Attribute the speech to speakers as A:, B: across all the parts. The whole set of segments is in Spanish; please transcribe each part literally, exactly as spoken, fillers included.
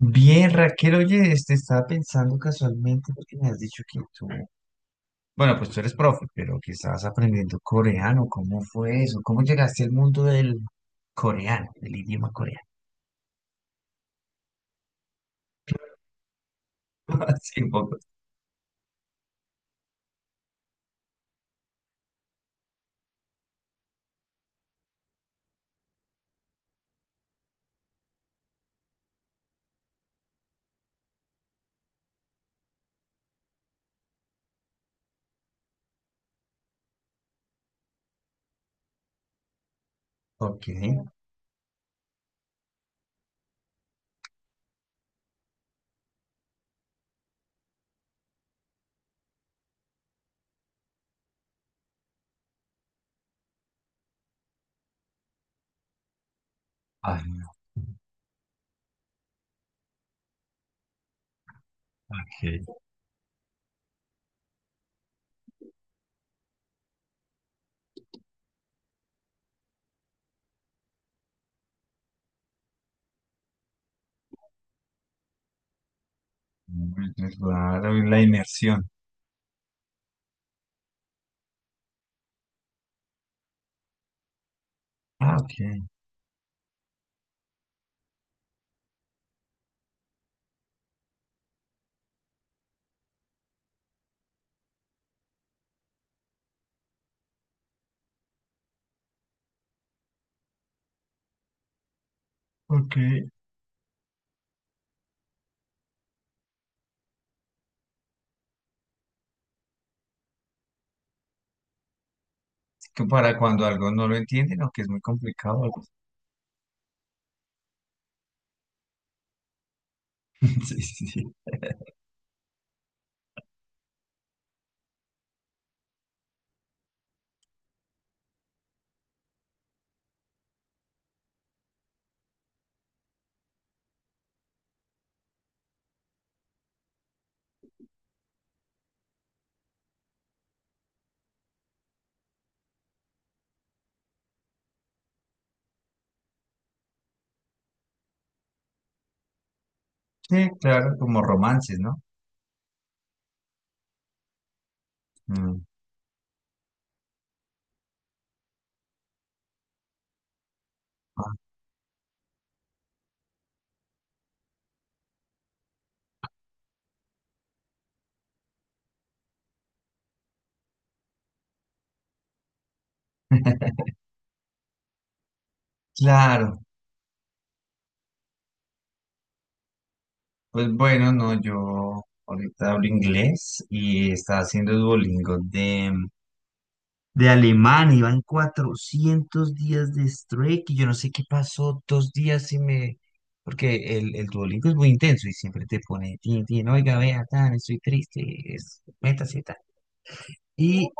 A: Bien, Raquel, oye, este, estaba pensando casualmente porque me has dicho que tú, bueno, pues tú eres profe, pero que estabas aprendiendo coreano. ¿Cómo fue eso? ¿Cómo llegaste al mundo del coreano, del idioma coreano? Así un poco. Ok. Ah, ok. Muy claro, y la inmersión. Ah, ok. Ok. Que para cuando algo no lo entienden o que es muy complicado algo. Sí, sí, sí. Sí, claro, como romances, ¿no? Mm. Ah, claro. Pues bueno, no, yo ahorita hablo inglés y estaba haciendo Duolingo de, de alemán, iba en cuatrocientos días de strike y yo no sé qué pasó, dos días y me... Porque el, el Duolingo es muy intenso y siempre te pone, tin, tin, oiga, vea, tan, estoy triste, es, métase, tan. Y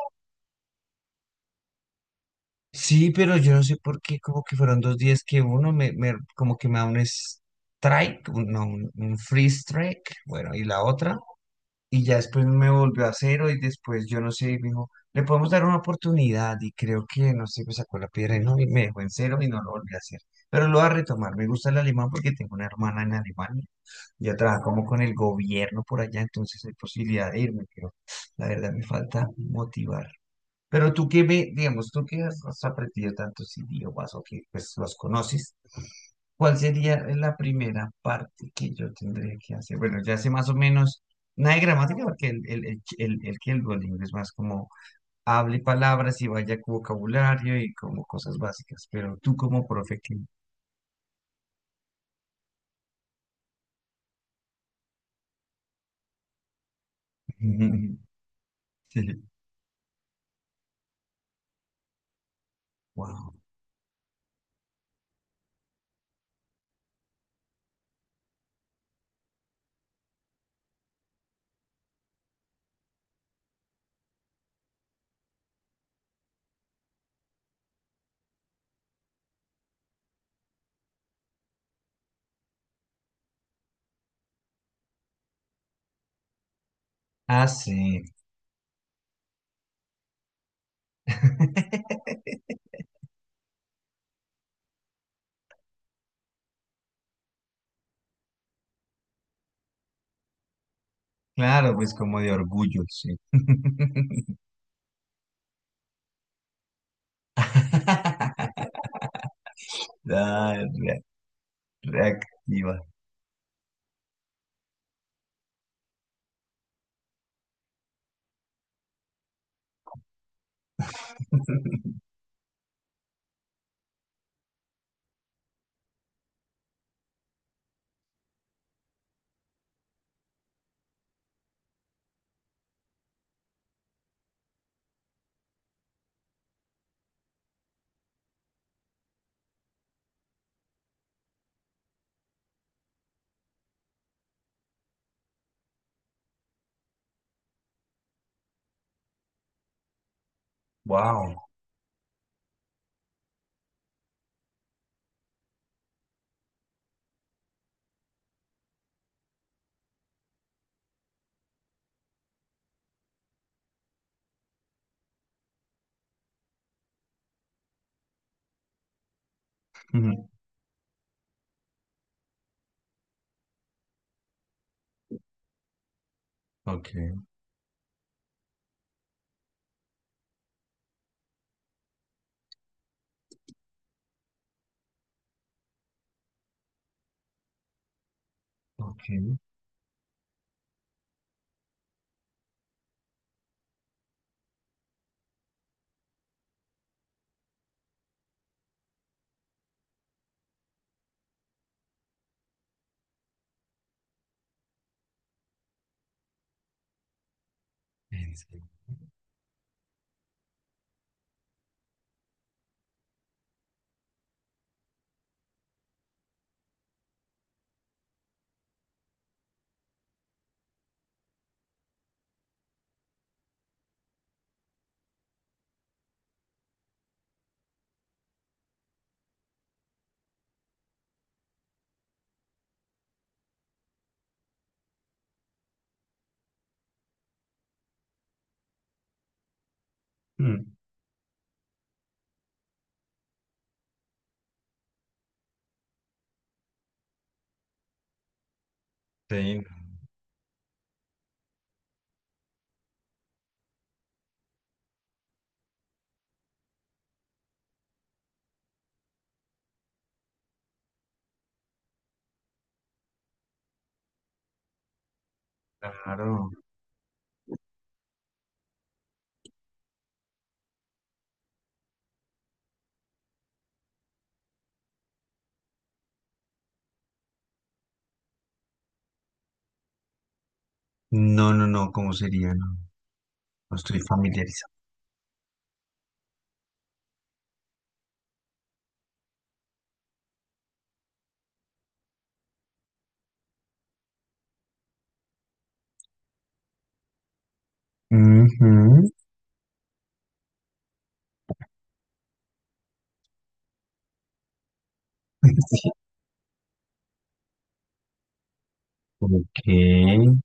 A: sí, pero yo no sé por qué, como que fueron dos días que uno me, me- como que me da un strike, un, no, un, un free strike, bueno, y la otra. Y ya después me volvió a cero y después yo no sé, y me dijo, le podemos dar una oportunidad y creo que, no sé, me sacó la piedra y no, y me dejó en cero y no lo volví a hacer. Pero lo voy a retomar, me gusta el alemán porque tengo una hermana en Alemania, ya trabaja como con el gobierno por allá, entonces hay posibilidad de irme, pero la verdad me falta motivar. Pero tú que me, digamos, tú que has, has aprendido tantos idiomas o que pues los conoces, ¿cuál sería la primera parte que yo tendría que hacer? Bueno, ya sé más o menos, nada de gramática, porque el, el, el, el, el que el Duolingo es más como hable palabras y vaya con vocabulario y como cosas básicas, pero tú como profe qué, sí, wow. Ah, sí. Claro, pues como de orgullo, sí. Ah, re- reactiva. Wow. Ok, ok. ¿En serio? Sí, claro. No, no, no, ¿cómo sería? No, no estoy familiarizado. Ujú. Sí, ok, en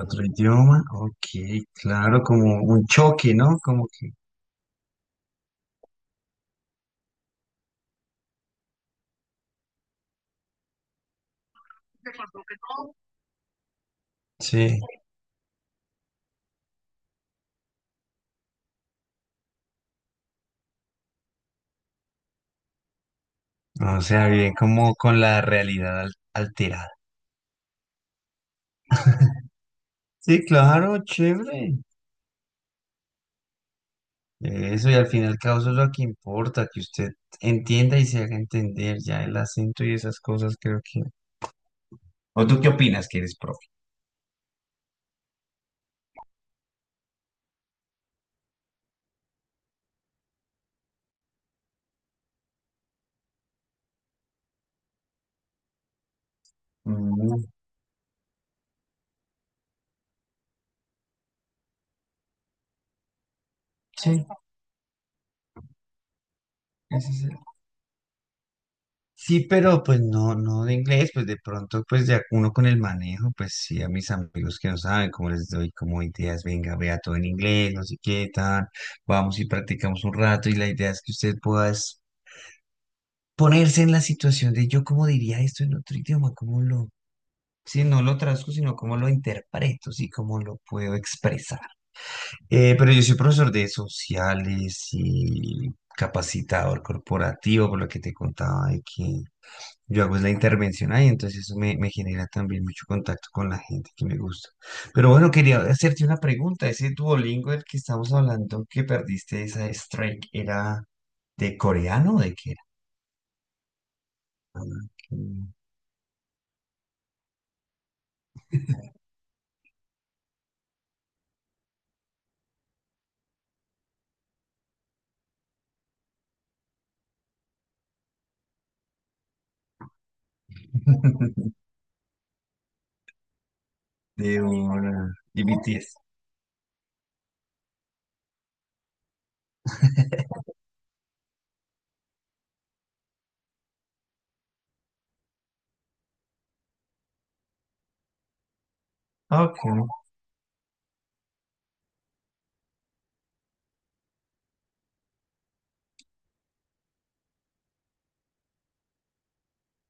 A: otro idioma, ok, claro, como un choque, ¿no? Como que, sí, o sea, bien, como con la realidad al- alterada. Sí, claro, chévere. Eso, y al final y al cabo eso es lo que importa, que usted entienda y se haga entender ya, el acento y esas cosas, creo que. ¿O tú qué opinas que eres profe? Mm, sí, ese es el- Sí, pero pues no, no de inglés, pues de pronto pues ya uno con el manejo, pues sí, a mis amigos que no saben cómo les doy como ideas, venga, vea todo en inglés, no sé qué, tan, vamos y practicamos un rato y la idea es que usted pueda es ponerse en la situación de yo cómo diría esto en otro idioma, cómo lo, sí, no lo traduzco, sino cómo lo interpreto, sí, cómo lo puedo expresar. Eh, pero yo soy profesor de sociales y capacitador corporativo, por lo que te contaba de que yo hago es la intervención ahí, entonces eso me, me genera también mucho contacto con la gente que me gusta. Pero bueno, quería hacerte una pregunta. Ese Duolingo del que estamos hablando, que perdiste esa strike, ¿era de coreano o de qué era? De una... de B T S. Ok,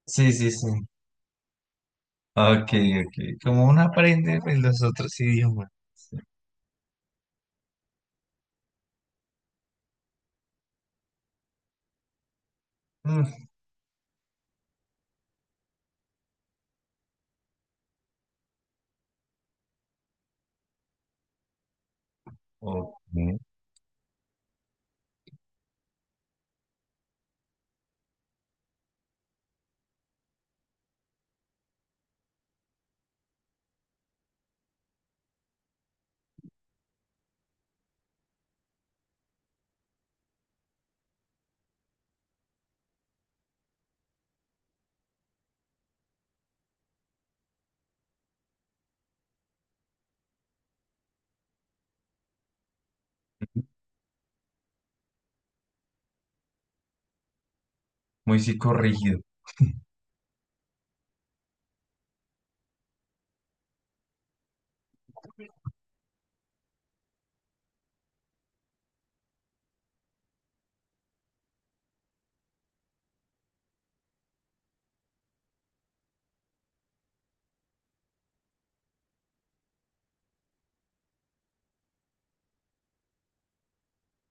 A: sí, sí, sí. Ok, ok. Como uno aprende pues los otros idiomas. Mm, ok. Muy psicorrígido,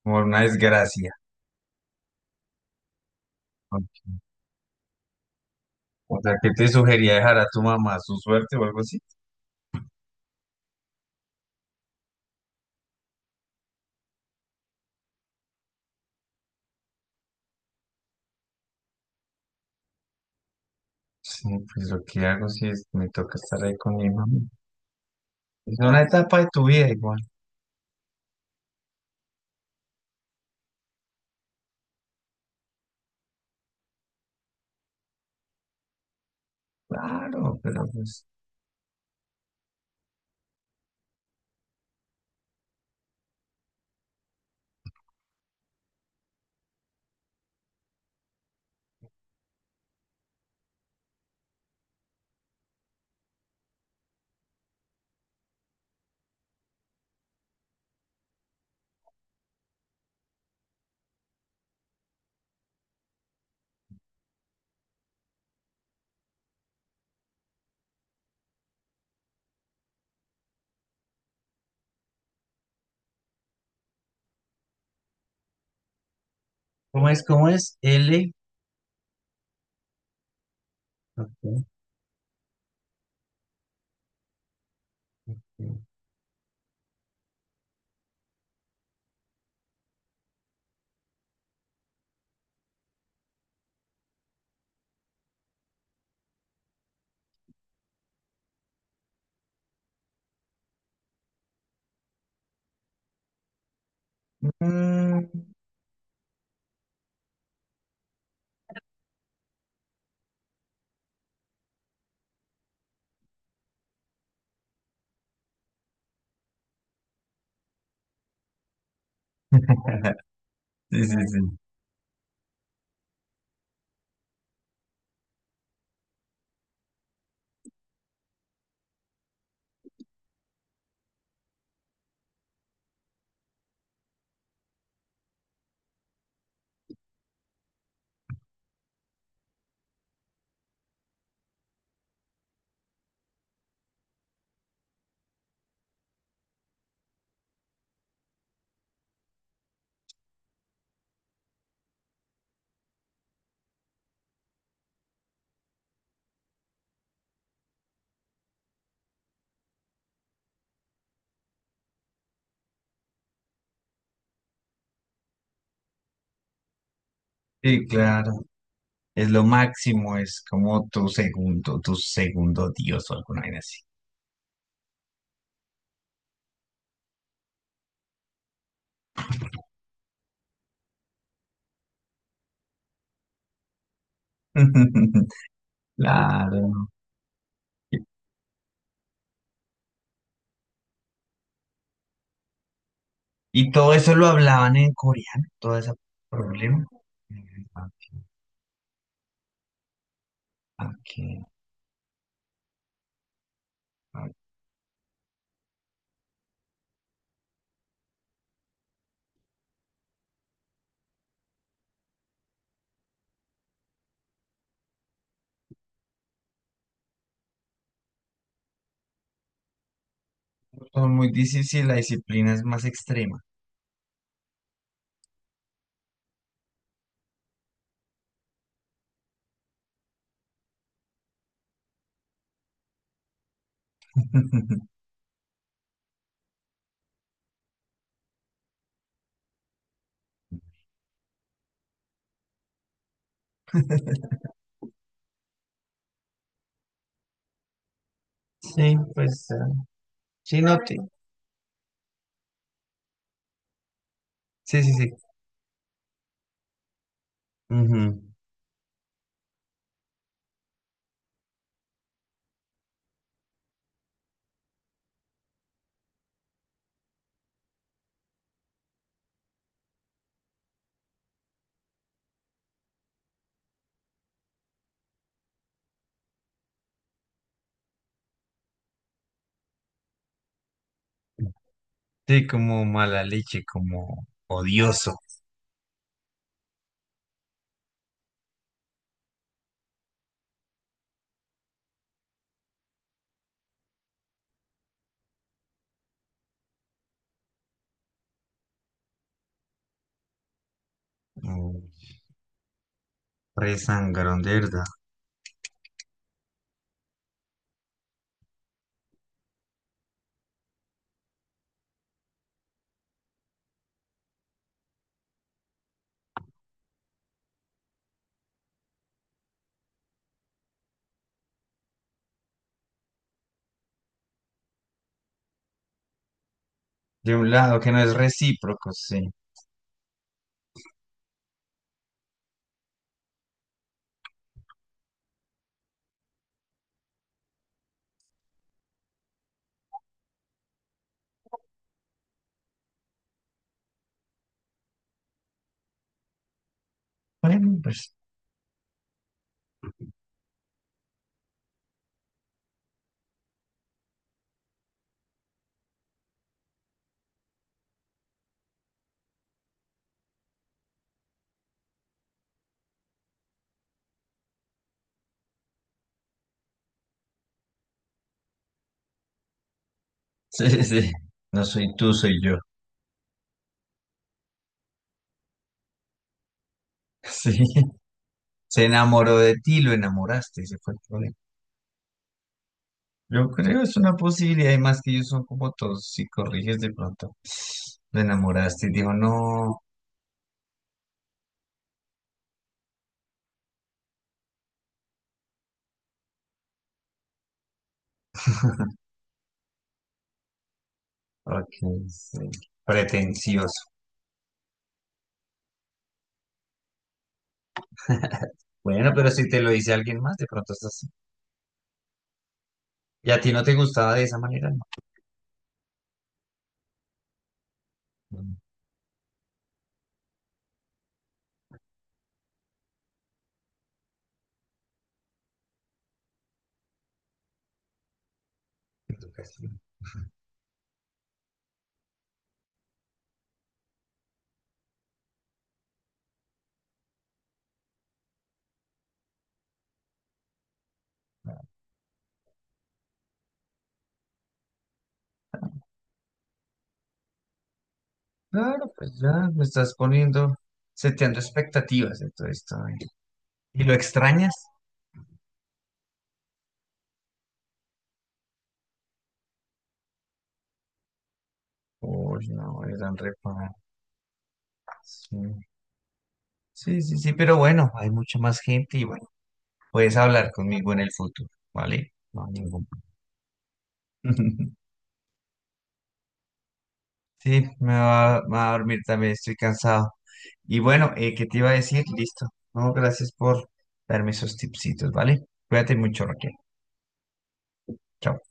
A: como una desgracia. Ok. O sea, ¿qué te sugería? ¿Dejar a tu mamá su suerte o algo así? Sí, pues lo que hago si es, me toca estar ahí con mi mamá. Es una etapa de tu vida igual. Claro, pero pues... ¿Cómo es? ¿Cómo es? L. Ok. Mm, sí, sí, sí. Sí, claro. Es lo máximo, es como tu segundo, tu segundo Dios o alguna vaina así. Claro. Y, y todo eso lo hablaban en coreano, todo ese problema. Mm, ok, ok, ok. Son muy difíciles, la disciplina es más extrema. Sí, pues, eh, sí, no te- Sí, sí, sí. Ujú. Sí, como mala leche, como odioso, como re sangrón, de verdad. De un lado que no es recíproco, sí. Bueno, pues, sí, sí, sí. No soy tú, soy yo. Sí, se enamoró de ti, lo enamoraste, ese fue el problema. Yo creo es una posibilidad, y más que ellos son como todos, si corriges de pronto, lo enamoraste y dijo, no. Ok, sí. Pretencioso. Bueno, pero si te lo dice alguien más, de pronto estás... así. ¿Y a ti no te gustaba de esa manera, ¿no? Mm, educación. Claro, pues ya me estás poniendo, seteando expectativas de todo esto, ¿eh? ¿Y lo extrañas? Uy, no, eran reparos. Sí, sí, sí, sí, pero bueno, hay mucha más gente y bueno, puedes hablar conmigo en el futuro, ¿vale? No hay ningún problema. Sí, me va, me va a dormir también, estoy cansado. Y bueno, eh, ¿qué te iba a decir? Listo. No, gracias por darme esos tipsitos, ¿vale? Cuídate mucho, Raquel. Chao.